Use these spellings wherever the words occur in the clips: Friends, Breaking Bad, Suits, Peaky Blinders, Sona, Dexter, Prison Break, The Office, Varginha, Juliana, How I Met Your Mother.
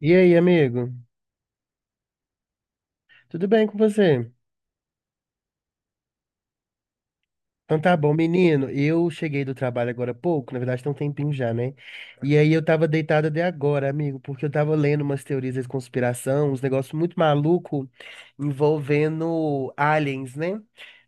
E aí, amigo? Tudo bem com você? Então tá bom, menino. Eu cheguei do trabalho agora há pouco, na verdade tem um tempinho já, né? E aí eu tava deitado até agora, amigo, porque eu tava lendo umas teorias de conspiração, uns negócios muito maluco envolvendo aliens, né?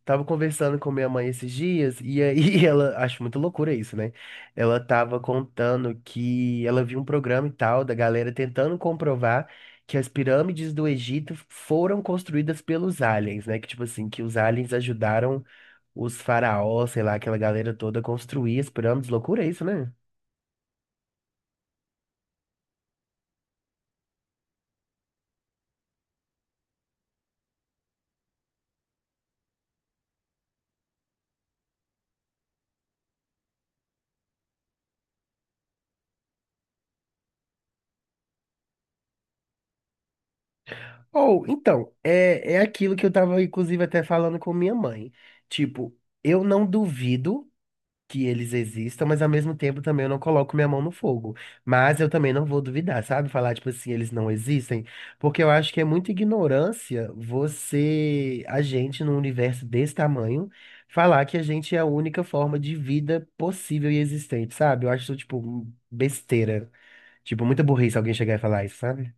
Tava conversando com minha mãe esses dias e aí ela, acho muito loucura isso, né? Ela tava contando que ela viu um programa e tal da galera tentando comprovar que as pirâmides do Egito foram construídas pelos aliens, né? Que tipo assim, que os aliens ajudaram os faraós, sei lá, aquela galera toda construía as pirâmides, loucura isso, né? Ou, então, é aquilo que eu tava, inclusive, até falando com minha mãe. Tipo, eu não duvido que eles existam, mas ao mesmo tempo também eu não coloco minha mão no fogo. Mas eu também não vou duvidar, sabe? Falar, tipo assim, eles não existem. Porque eu acho que é muita ignorância você, a gente, num universo desse tamanho, falar que a gente é a única forma de vida possível e existente, sabe? Eu acho, isso, tipo, besteira. Tipo, muita burrice alguém chegar e falar isso, sabe?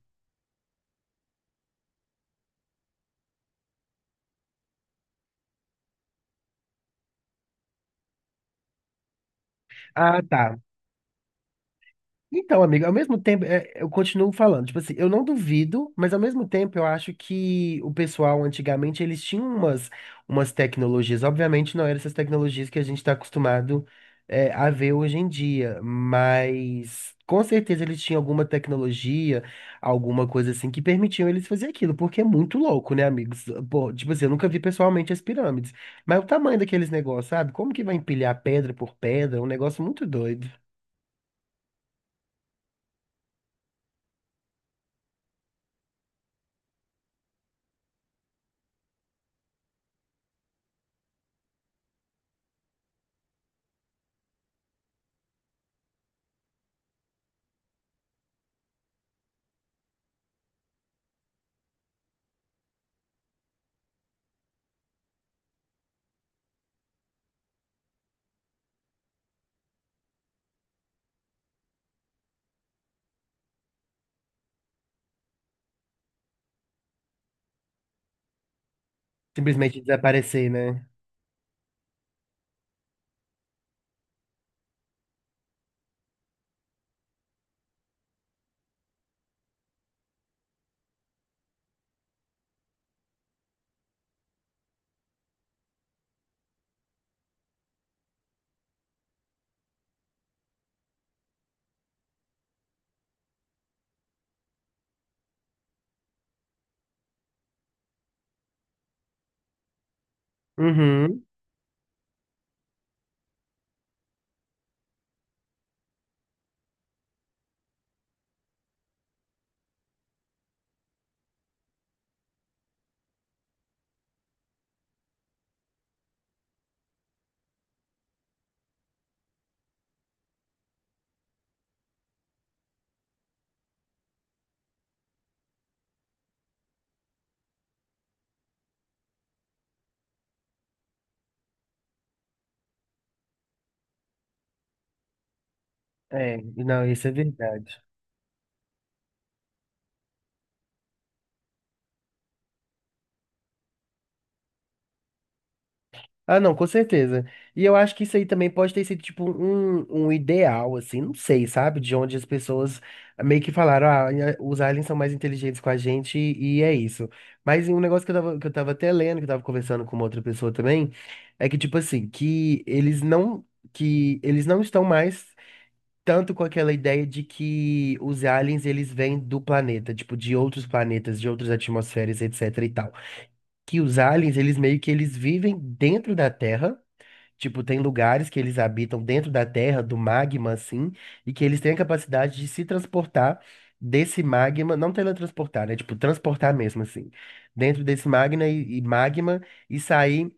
Ah, tá. Então, amigo, ao mesmo tempo, é, eu continuo falando, tipo assim, eu não duvido, mas ao mesmo tempo eu acho que o pessoal antigamente eles tinham umas tecnologias, obviamente não eram essas tecnologias que a gente está acostumado a ver hoje em dia, mas com certeza eles tinham alguma tecnologia, alguma coisa assim que permitiam eles fazer aquilo, porque é muito louco, né, amigos? Pô, tipo assim, eu nunca vi pessoalmente as pirâmides, mas o tamanho daqueles negócios, sabe? Como que vai empilhar pedra por pedra? É um negócio muito doido. Simplesmente desaparecer, né? Uhum. É, não, isso é verdade. Ah, não, com certeza. E eu acho que isso aí também pode ter sido, tipo, um ideal, assim, não sei, sabe? De onde as pessoas meio que falaram, ah, os aliens são mais inteligentes com a gente e é isso. Mas um negócio que eu tava, até lendo, que eu tava conversando com uma outra pessoa também, é que, tipo assim, que eles não estão mais, tanto com aquela ideia de que os aliens eles vêm do planeta, tipo, de outros planetas, de outras atmosferas, etc e tal. Que os aliens, eles meio que eles vivem dentro da Terra, tipo, tem lugares que eles habitam dentro da Terra, do magma assim, e que eles têm a capacidade de se transportar desse magma, não teletransportar, né? Tipo, transportar mesmo assim, dentro desse magma e magma e sair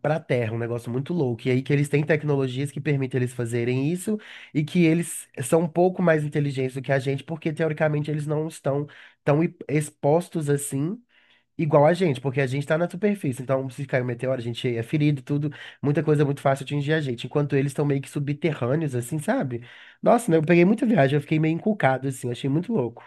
para Terra, um negócio muito louco. E aí que eles têm tecnologias que permitem eles fazerem isso e que eles são um pouco mais inteligentes do que a gente, porque teoricamente eles não estão tão expostos assim. Igual a gente, porque a gente está na superfície. Então, se cair um meteoro, a gente é ferido, tudo. Muita coisa é muito fácil atingir a gente. Enquanto eles estão meio que subterrâneos, assim, sabe? Nossa, né, eu peguei muita viagem, eu fiquei meio encucado, assim, eu achei muito louco.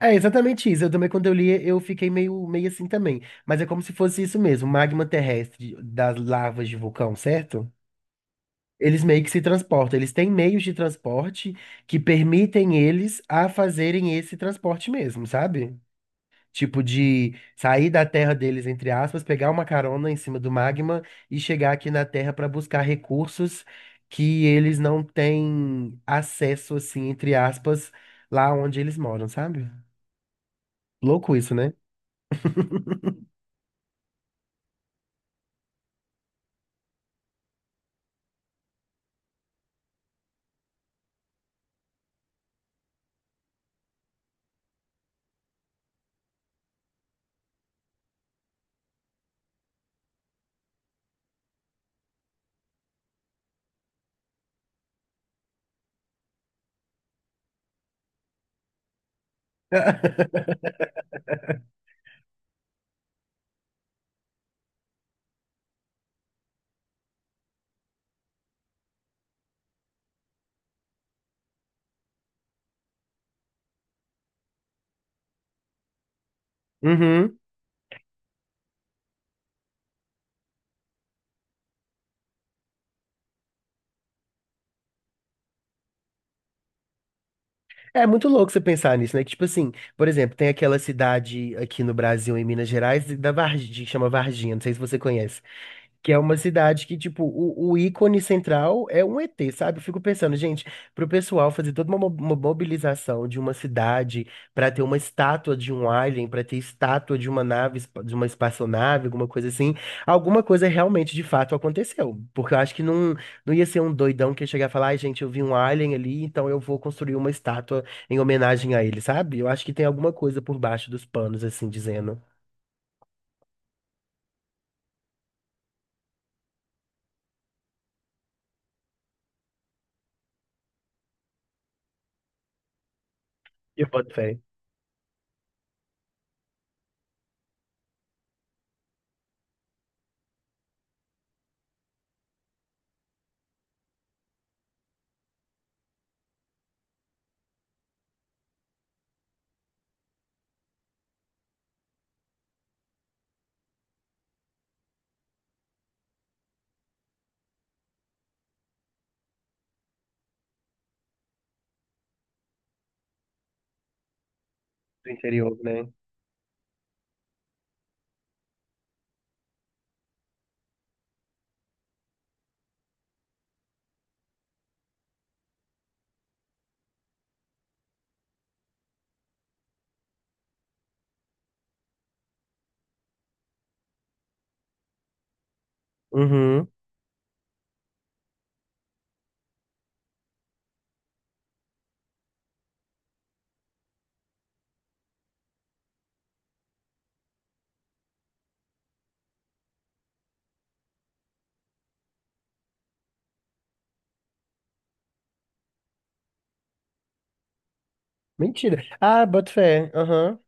É exatamente isso. Eu também, quando eu li, eu fiquei meio assim também. Mas é como se fosse isso mesmo, magma terrestre das lavas de vulcão, certo? Eles meio que se transportam. Eles têm meios de transporte que permitem eles a fazerem esse transporte mesmo, sabe? Tipo de sair da terra deles, entre aspas, pegar uma carona em cima do magma e chegar aqui na terra para buscar recursos que eles não têm acesso, assim, entre aspas, lá onde eles moram, sabe? Louco isso, né? Uhum. É muito louco você pensar nisso, né? Que, tipo assim, por exemplo, tem aquela cidade aqui no Brasil, em Minas Gerais, da Varginha, que chama Varginha, não sei se você conhece. Que é uma cidade que, tipo, o ícone central é um ET, sabe? Eu fico pensando, gente, pro pessoal fazer toda uma mobilização de uma cidade pra ter uma estátua de um alien, pra ter estátua de uma nave, de uma espaçonave, alguma coisa assim, alguma coisa realmente de fato aconteceu. Porque eu acho que não, não ia ser um doidão que ia chegar e falar, ai, gente, eu vi um alien ali, então eu vou construir uma estátua em homenagem a ele, sabe? Eu acho que tem alguma coisa por baixo dos panos, assim, dizendo. E eu boto fé do interior, né? Uhum. Mentira. Ah, boto fé. Aham.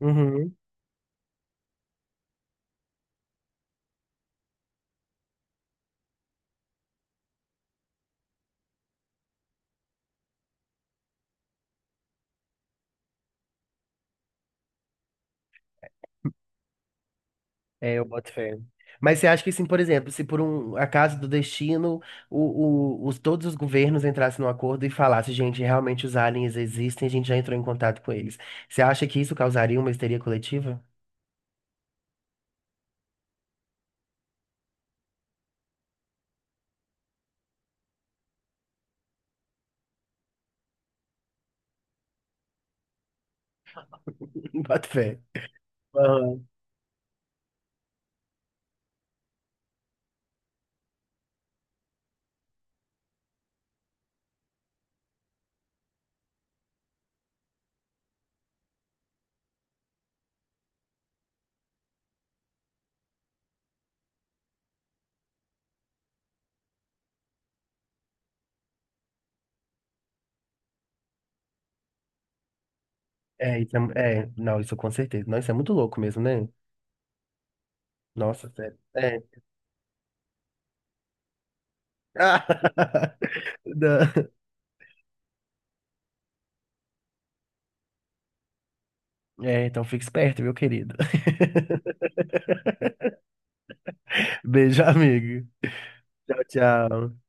Uhum. É, eu boto fé. Mas você acha que sim, por exemplo, se por um acaso do destino, todos os governos entrassem num acordo e falassem, gente, realmente os aliens existem, a gente já entrou em contato com eles. Você acha que isso causaria uma histeria coletiva? Boto fé. Aham. É, isso é, não, isso com certeza. Não, isso é muito louco mesmo, né? Nossa, sério. É. Não. É, então fica esperto, meu querido. Beijo, amigo. Tchau, tchau.